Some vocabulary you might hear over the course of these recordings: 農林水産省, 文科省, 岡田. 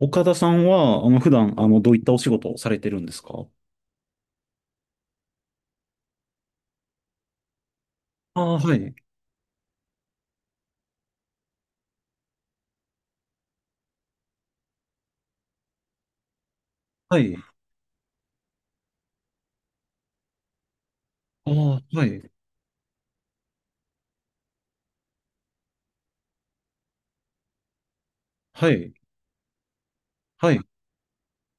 岡田さんは、普段、どういったお仕事をされてるんですか？ああ、はい。はい。ああ、はい。はい。はい。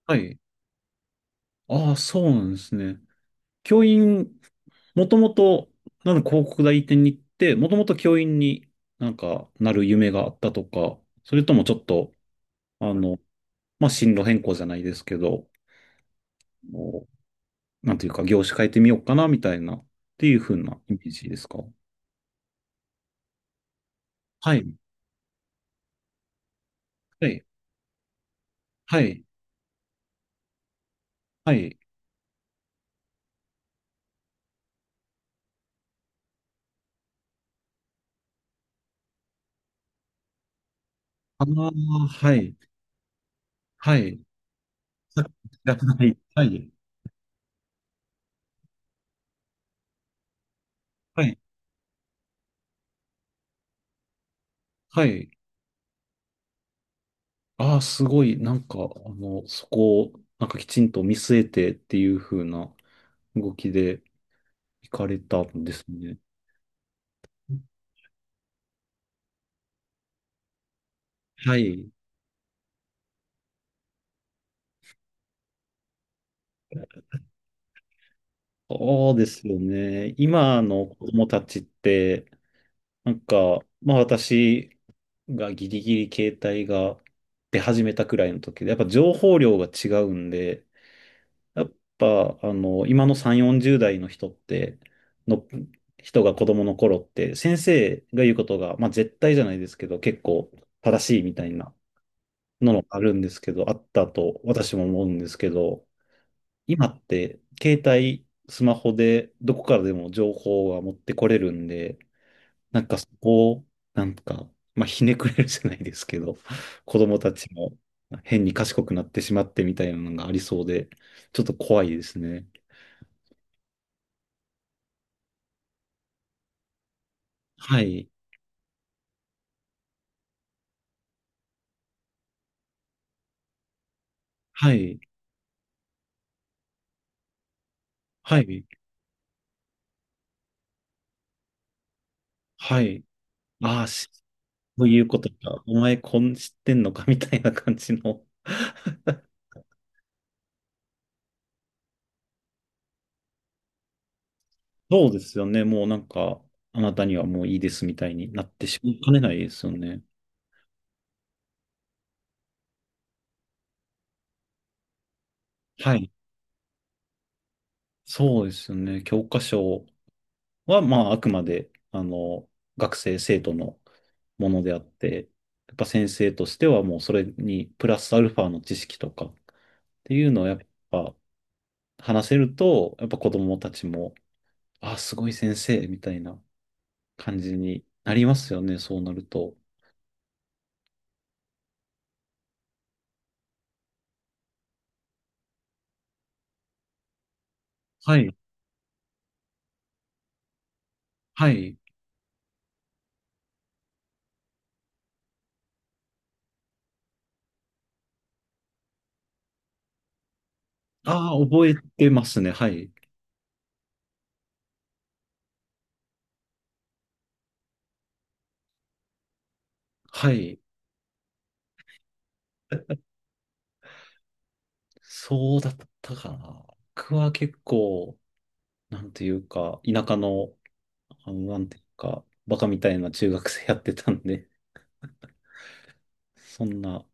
はい。ああ、そうなんですね。教員、もともと、なんか広告代理店に行って、もともと教員になる夢があったとか、それともちょっと、あの、まあ、進路変更じゃないですけど、もうなんていうか、業種変えてみようかな、みたいな、っていう風なイメージですか？はい。はい。はい。はい。ああ、はい。はい。さっき知らない。はい。はい。はい。ああ、すごい。なんか、そこを、なんかきちんと見据えてっていう風な動きで行かれたんですね。はい。そうですよね。今の子供たちって、なんか、まあ私がギリギリ携帯が出始めたくらいの時で、やっぱ情報量が違うんで、やっぱ、今の3、40代の人って、の、人が子供の頃って、先生が言うことが、まあ絶対じゃないですけど、結構正しいみたいなのがあるんですけど、あったと私も思うんですけど、今って、スマホでどこからでも情報は持ってこれるんで、なんかそこを、なんか、まあひねくれるじゃないですけど、子供たちも変に賢くなってしまってみたいなのがありそうで、ちょっと怖いですね。はい、はい、はい、はい。ああ、しそういうことか。お前、こん、知ってんのかみたいな感じの。そうですよね。もうなんか、あなたにはもういいですみたいになってしまいかねないですよね。はい。そうですよね。教科書は、まあ、あくまで、生徒のものであって、やっぱ先生としてはもうそれに、プラスアルファの知識とかっていうのをやっぱ話せると、やっぱ子供たちも、あ、すごい先生、みたいな感じになりますよね、そうなると。はい、はい。ああ、覚えてますね、はい。はい。そうだったかな。僕は結構、なんていうか、田舎の、なんていうか、バカみたいな中学生やってたんで、そんな、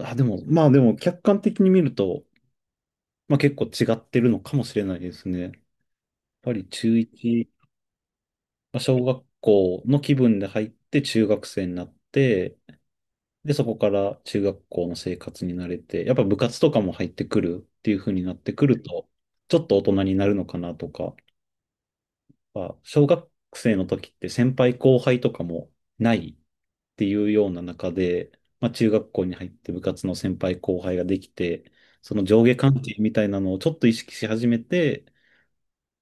あ、まあでも、客観的に見ると、まあ結構違ってるのかもしれないですね。やっぱり中1、まあ小学校の気分で入って中学生になって、で、そこから中学校の生活に慣れて、やっぱ部活とかも入ってくるっていう風になってくると、ちょっと大人になるのかなとか、あ小学生の時って先輩後輩とかもないっていうような中で、まあ、中学校に入って部活の先輩後輩ができて、その上下関係みたいなのをちょっと意識し始めて、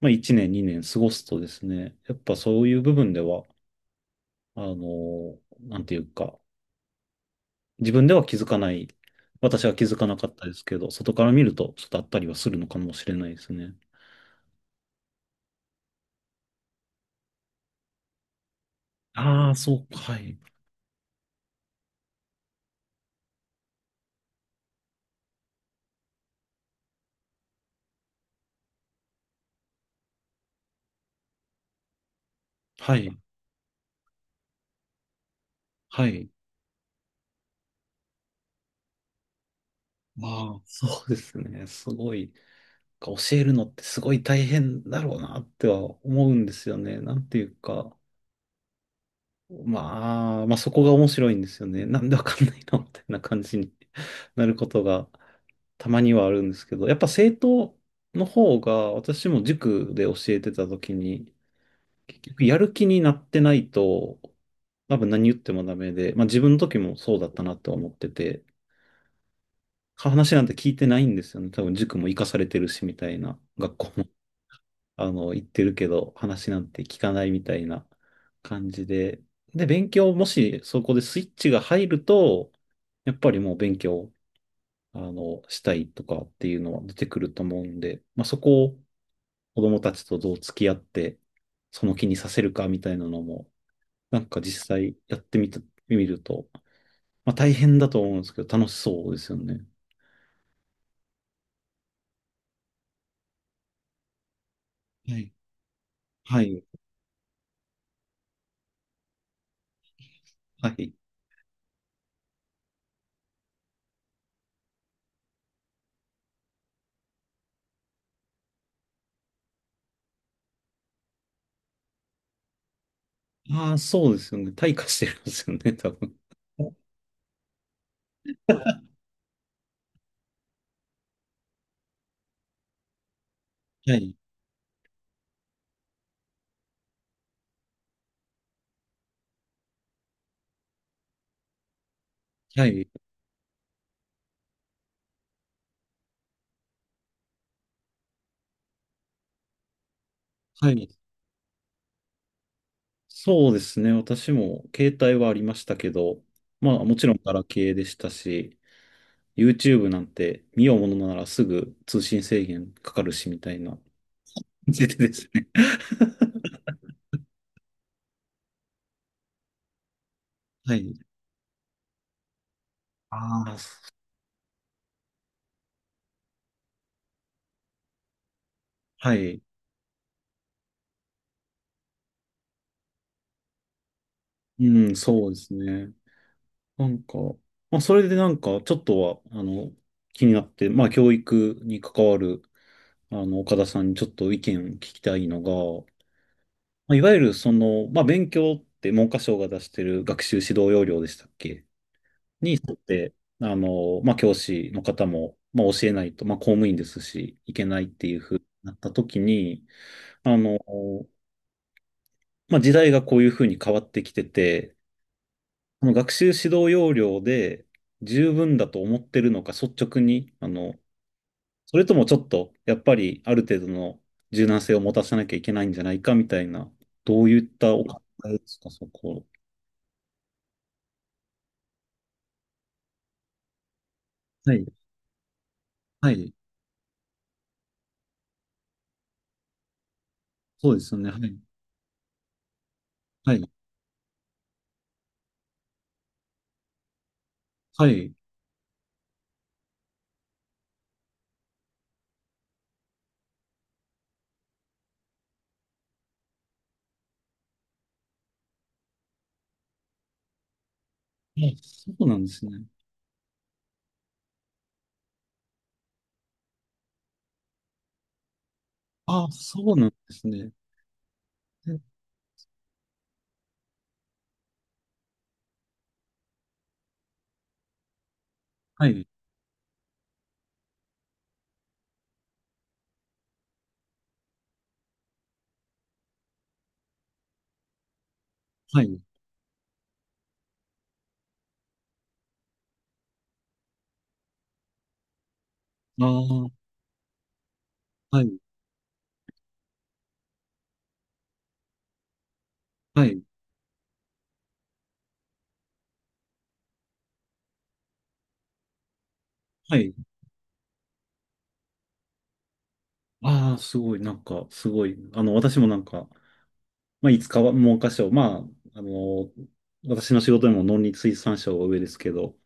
まあ、1年、2年過ごすとですね、やっぱそういう部分では、なんていうか、自分では気づかない。私は気づかなかったですけど、外から見るとちょっとあったりはするのかもしれないですね。ああ、そうか、はい。はい。はい。まあ、そうですね。すごい。教えるのってすごい大変だろうなっては思うんですよね。なんていうか。まあ、まあそこが面白いんですよね。なんでわかんないのみたいな感じに なることがたまにはあるんですけど、やっぱ生徒の方が私も塾で教えてた時に、結局やる気になってないと、多分何言ってもダメで、まあ自分の時もそうだったなって思ってて、話なんて聞いてないんですよね。多分塾も行かされてるしみたいな、学校も あの行ってるけど、話なんて聞かないみたいな感じで。で、勉強もしそこでスイッチが入ると、やっぱりもう勉強、したいとかっていうのは出てくると思うんで、まあそこを子供たちとどう付き合って、その気にさせるかみたいなのも、なんか実際やってみた、見ると、まあ大変だと思うんですけど、楽しそうですよね。はい。はい。はい。ああ、そうですよね。退化してるんですよね、多分。はい。はい。はい。そうですね。私も携帯はありましたけど、まあもちろんガラケーでしたし、YouTube なんて見ようものならすぐ通信制限かかるしみたいな感じで ですね。はい。ああ、はい。うん、そうですね。なんか、まあ、それでなんか、ちょっとは、気になって、まあ、教育に関わる、岡田さんにちょっと意見聞きたいのが、まあ、いわゆる、まあ、勉強って文科省が出してる学習指導要領でしたっけに沿って、まあ、教師の方も、まあ、教えないと、まあ、公務員ですし、いけないっていうふうになった時に、あの、まあ、時代がこういうふうに変わってきてて、その学習指導要領で十分だと思ってるのか、率直に、それともちょっと、やっぱりある程度の柔軟性を持たせなきゃいけないんじゃないかみたいな、どういったお考えですか、そこ。はい、はい、そうですよね。はい、はい、はい。あ、そうなんですね。あ、そうなんですね。ではい、はい、ああ、はい、はい、はい。ああ、すごい、なんか、すごい。私もなんか、まあ、いつかは文科省、まあ、私の仕事でも農林水産省は上ですけど、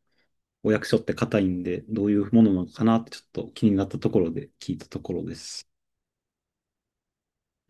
お役所って硬いんで、どういうものなのかなってちょっと気になったところで聞いたところです。